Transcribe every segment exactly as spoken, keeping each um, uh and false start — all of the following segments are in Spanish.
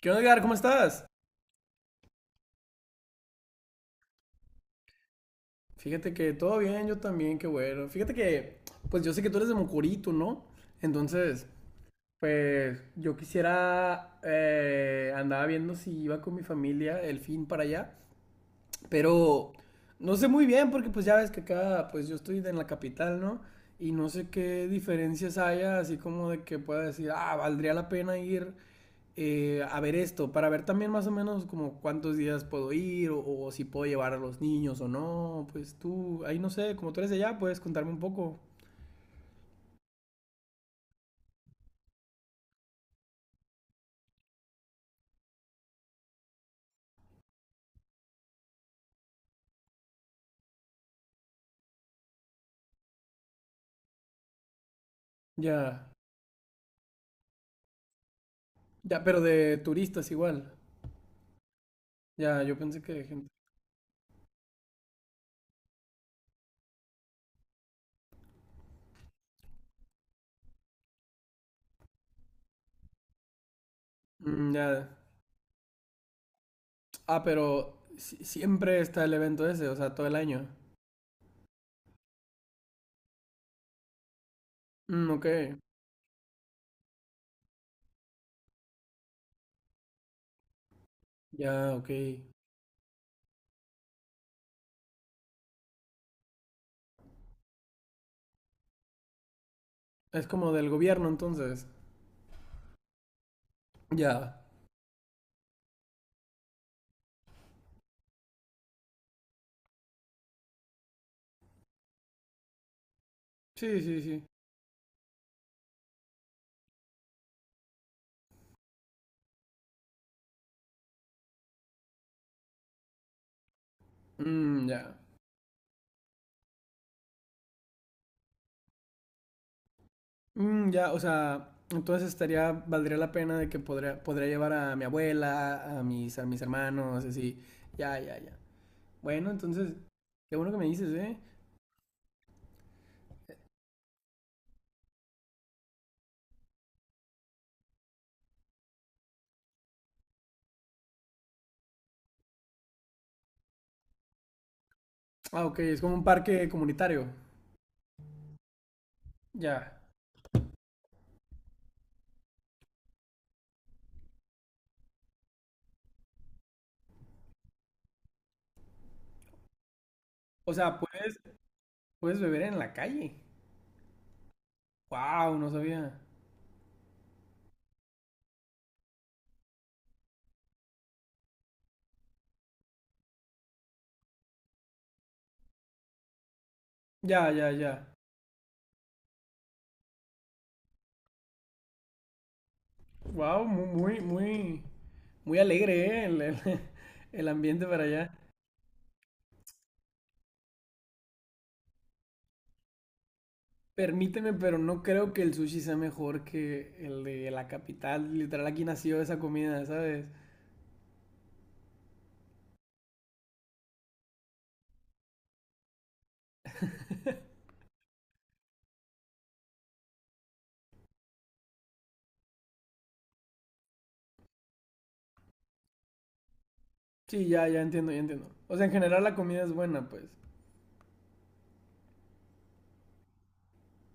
¿Qué onda, Edgar? ¿Cómo estás? Fíjate que todo bien, yo también, qué bueno. Fíjate que, pues yo sé que tú eres de Mocorito, ¿no? Entonces, pues yo quisiera, eh, andaba viendo si iba con mi familia el fin para allá. Pero no sé muy bien porque pues ya ves que acá pues yo estoy en la capital, ¿no? Y no sé qué diferencias haya, así como de que pueda decir, ah, valdría la pena ir eh, a ver esto, para ver también más o menos como cuántos días puedo ir o, o si puedo llevar a los niños o no. Pues tú, ahí no sé, como tú eres de allá, puedes contarme un poco. Ya, ya, pero de turistas igual. Ya, yo pensé que de gente. Mm, ya. Ah, pero si- siempre está el evento ese, o sea, todo el año. Mm, ok. Ya, ok. Es como del gobierno entonces. Ya. Sí, sí, sí. Mm, ya. Mm, ya, o sea, entonces estaría, valdría la pena de que podría, podría llevar a mi abuela, a mis, a mis hermanos, así. Ya, ya, ya. Bueno, entonces, qué bueno que me dices, ¿eh? Ah, ok, es como un parque comunitario. Ya. O sea, puedes, puedes beber en la calle. Wow, no sabía. Ya, ya, ya. Wow, muy, muy, muy, muy alegre, ¿eh? El, el- el ambiente para allá. Permíteme, pero no creo que el sushi sea mejor que el de la capital. Literal, aquí nació esa comida, ¿sabes? Sí, ya, ya entiendo, ya entiendo. O sea, en general la comida es buena, pues.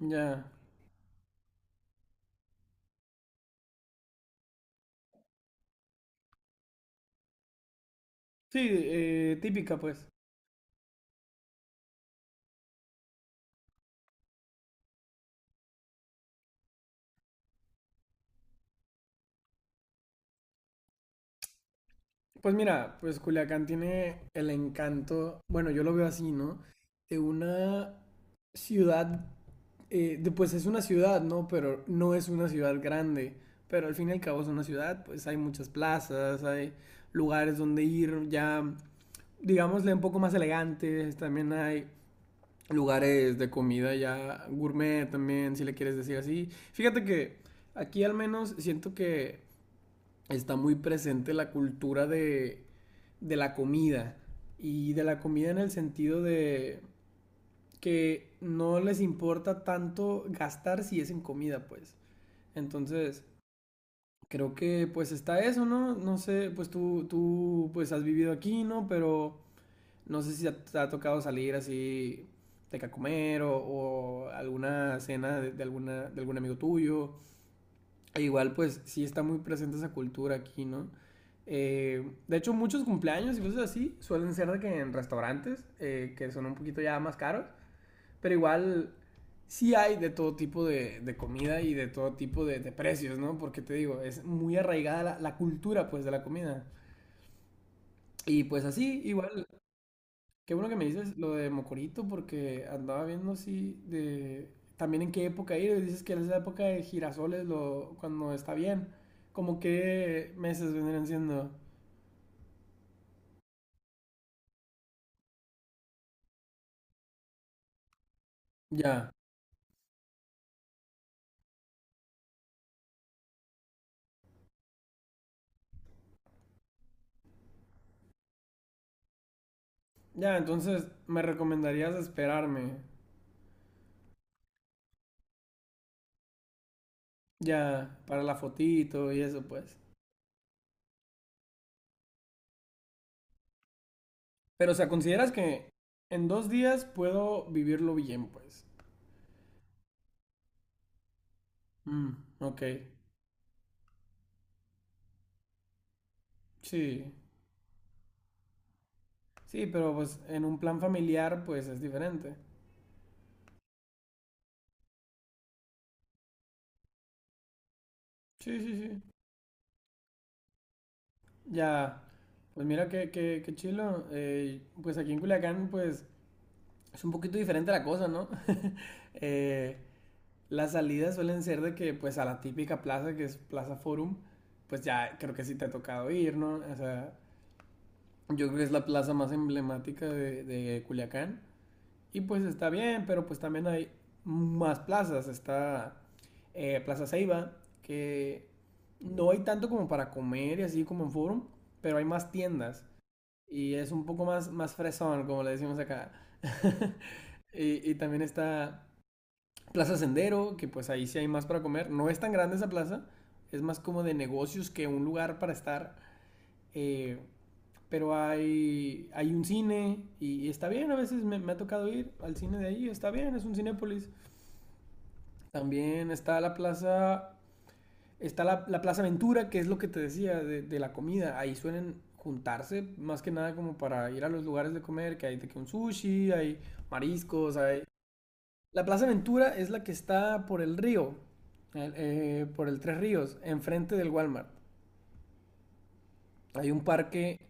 Ya. Sí, eh, típica, pues. Pues mira, pues Culiacán tiene el encanto, bueno, yo lo veo así, ¿no? De una ciudad, eh, de- pues es una ciudad, ¿no? Pero no es una ciudad grande. Pero al fin y al cabo es una ciudad, pues hay muchas plazas, hay lugares donde ir ya digámosle, un poco más elegantes. También hay lugares de comida ya gourmet también, si le quieres decir así. Fíjate que aquí al menos siento que está muy presente la cultura de, de la comida. Y de la comida en el sentido de que no les importa tanto gastar si es en comida, pues. Entonces, creo que pues está eso, ¿no? No sé, pues tú, tú pues has vivido aquí, ¿no? Pero no sé si te ha tocado salir así de que a comer o, o alguna cena de, de alguna, de algún amigo tuyo. E igual, pues sí está muy presente esa cultura aquí, ¿no? Eh, de hecho, muchos cumpleaños y cosas así suelen ser de que en restaurantes, eh, que son un poquito ya más caros, pero igual sí hay de todo tipo de, de comida y de todo tipo de, de precios, ¿no? Porque te digo, es muy arraigada la, la cultura, pues, de la comida. Y pues así, igual, qué bueno que me dices lo de Mocorito, porque andaba viendo así de también en qué época ir. Y dices que es la época de girasoles lo, cuando está bien. Como qué meses vendrían siendo. Ya, ya, entonces me recomendarías esperarme. Ya, para la fotito y eso, pues. Pero, o sea, ¿consideras que en dos días puedo vivirlo bien, pues? Mm, ok. Sí. Sí, pero pues en un plan familiar, pues es diferente. Sí, sí, sí. Ya, pues mira qué, qué, qué chilo. Eh, pues aquí en Culiacán, pues es un poquito diferente la cosa, ¿no? Eh, las salidas suelen ser de que, pues a la típica plaza que es Plaza Forum, pues ya creo que sí te ha tocado ir, ¿no? O sea, yo creo que es la plaza más emblemática de, de Culiacán. Y pues está bien, pero pues también hay más plazas. Está eh, Plaza Ceiba, que no hay tanto como para comer y así como en Forum, pero hay más tiendas y es un poco más, más fresón, como le decimos acá. Y, y también está Plaza Sendero, que pues ahí sí hay más para comer. No es tan grande esa plaza, es más como de negocios que un lugar para estar. eh, pero hay, hay un cine y, y está bien, a veces me, me ha tocado ir al cine de ahí, está bien, es un Cinépolis. También está la plaza Está la, la Plaza Ventura, que es lo que te decía de, de la comida. Ahí suelen juntarse más que nada como para ir a los lugares de comer, que hay de que un sushi, hay mariscos, hay... La Plaza Ventura es la que está por el río, el- eh, por el Tres Ríos, enfrente del Walmart. Hay un parque,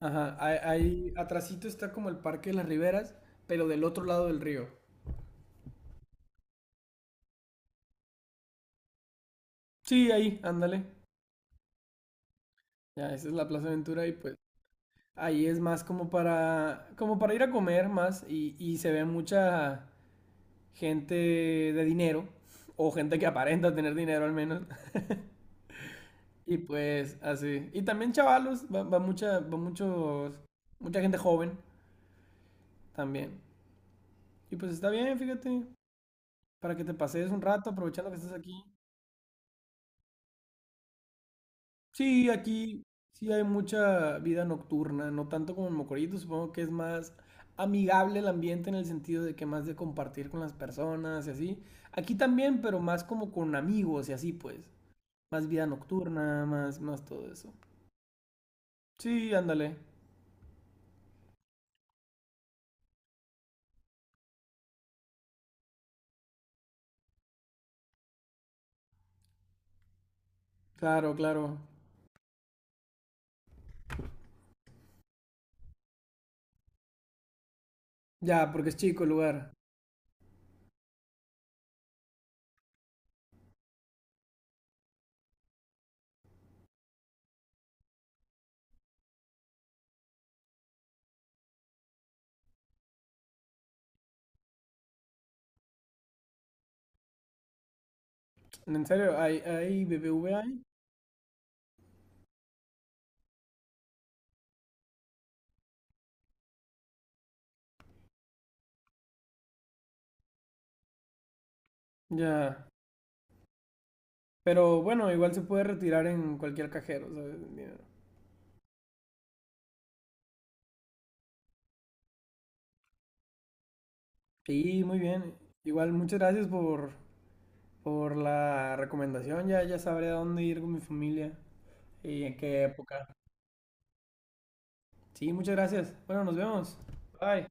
ajá, hay, hay- atrasito está como el Parque de las Riberas, pero del otro lado del río. Sí, ahí, ándale. Ya, esa es la Plaza Ventura y pues ahí es más como para, como para ir a comer más y, y se ve mucha gente de dinero o gente que aparenta tener dinero al menos. Y pues así. Y también chavalos, va, va mucha, va muchos, mucha gente joven también. Y pues está bien, fíjate, para que te pases un rato aprovechando que estás aquí. Sí, aquí sí hay mucha vida nocturna, no tanto como en Mocorito, supongo que es más amigable el ambiente en el sentido de que más de compartir con las personas y así. Aquí también, pero más como con amigos y así, pues. Más vida nocturna, más, más todo eso. Sí, ándale. Claro, claro. Ya, porque es chico el lugar. En serio, hay, hay B B V ahí. Ya. Pero bueno, igual se puede retirar en cualquier cajero, ¿sabes? El dinero. Sí, muy bien. Igual, muchas gracias por Por la recomendación, ya, ya sabré a dónde ir con mi familia y en qué época. Sí, muchas gracias. Bueno, nos vemos. Bye.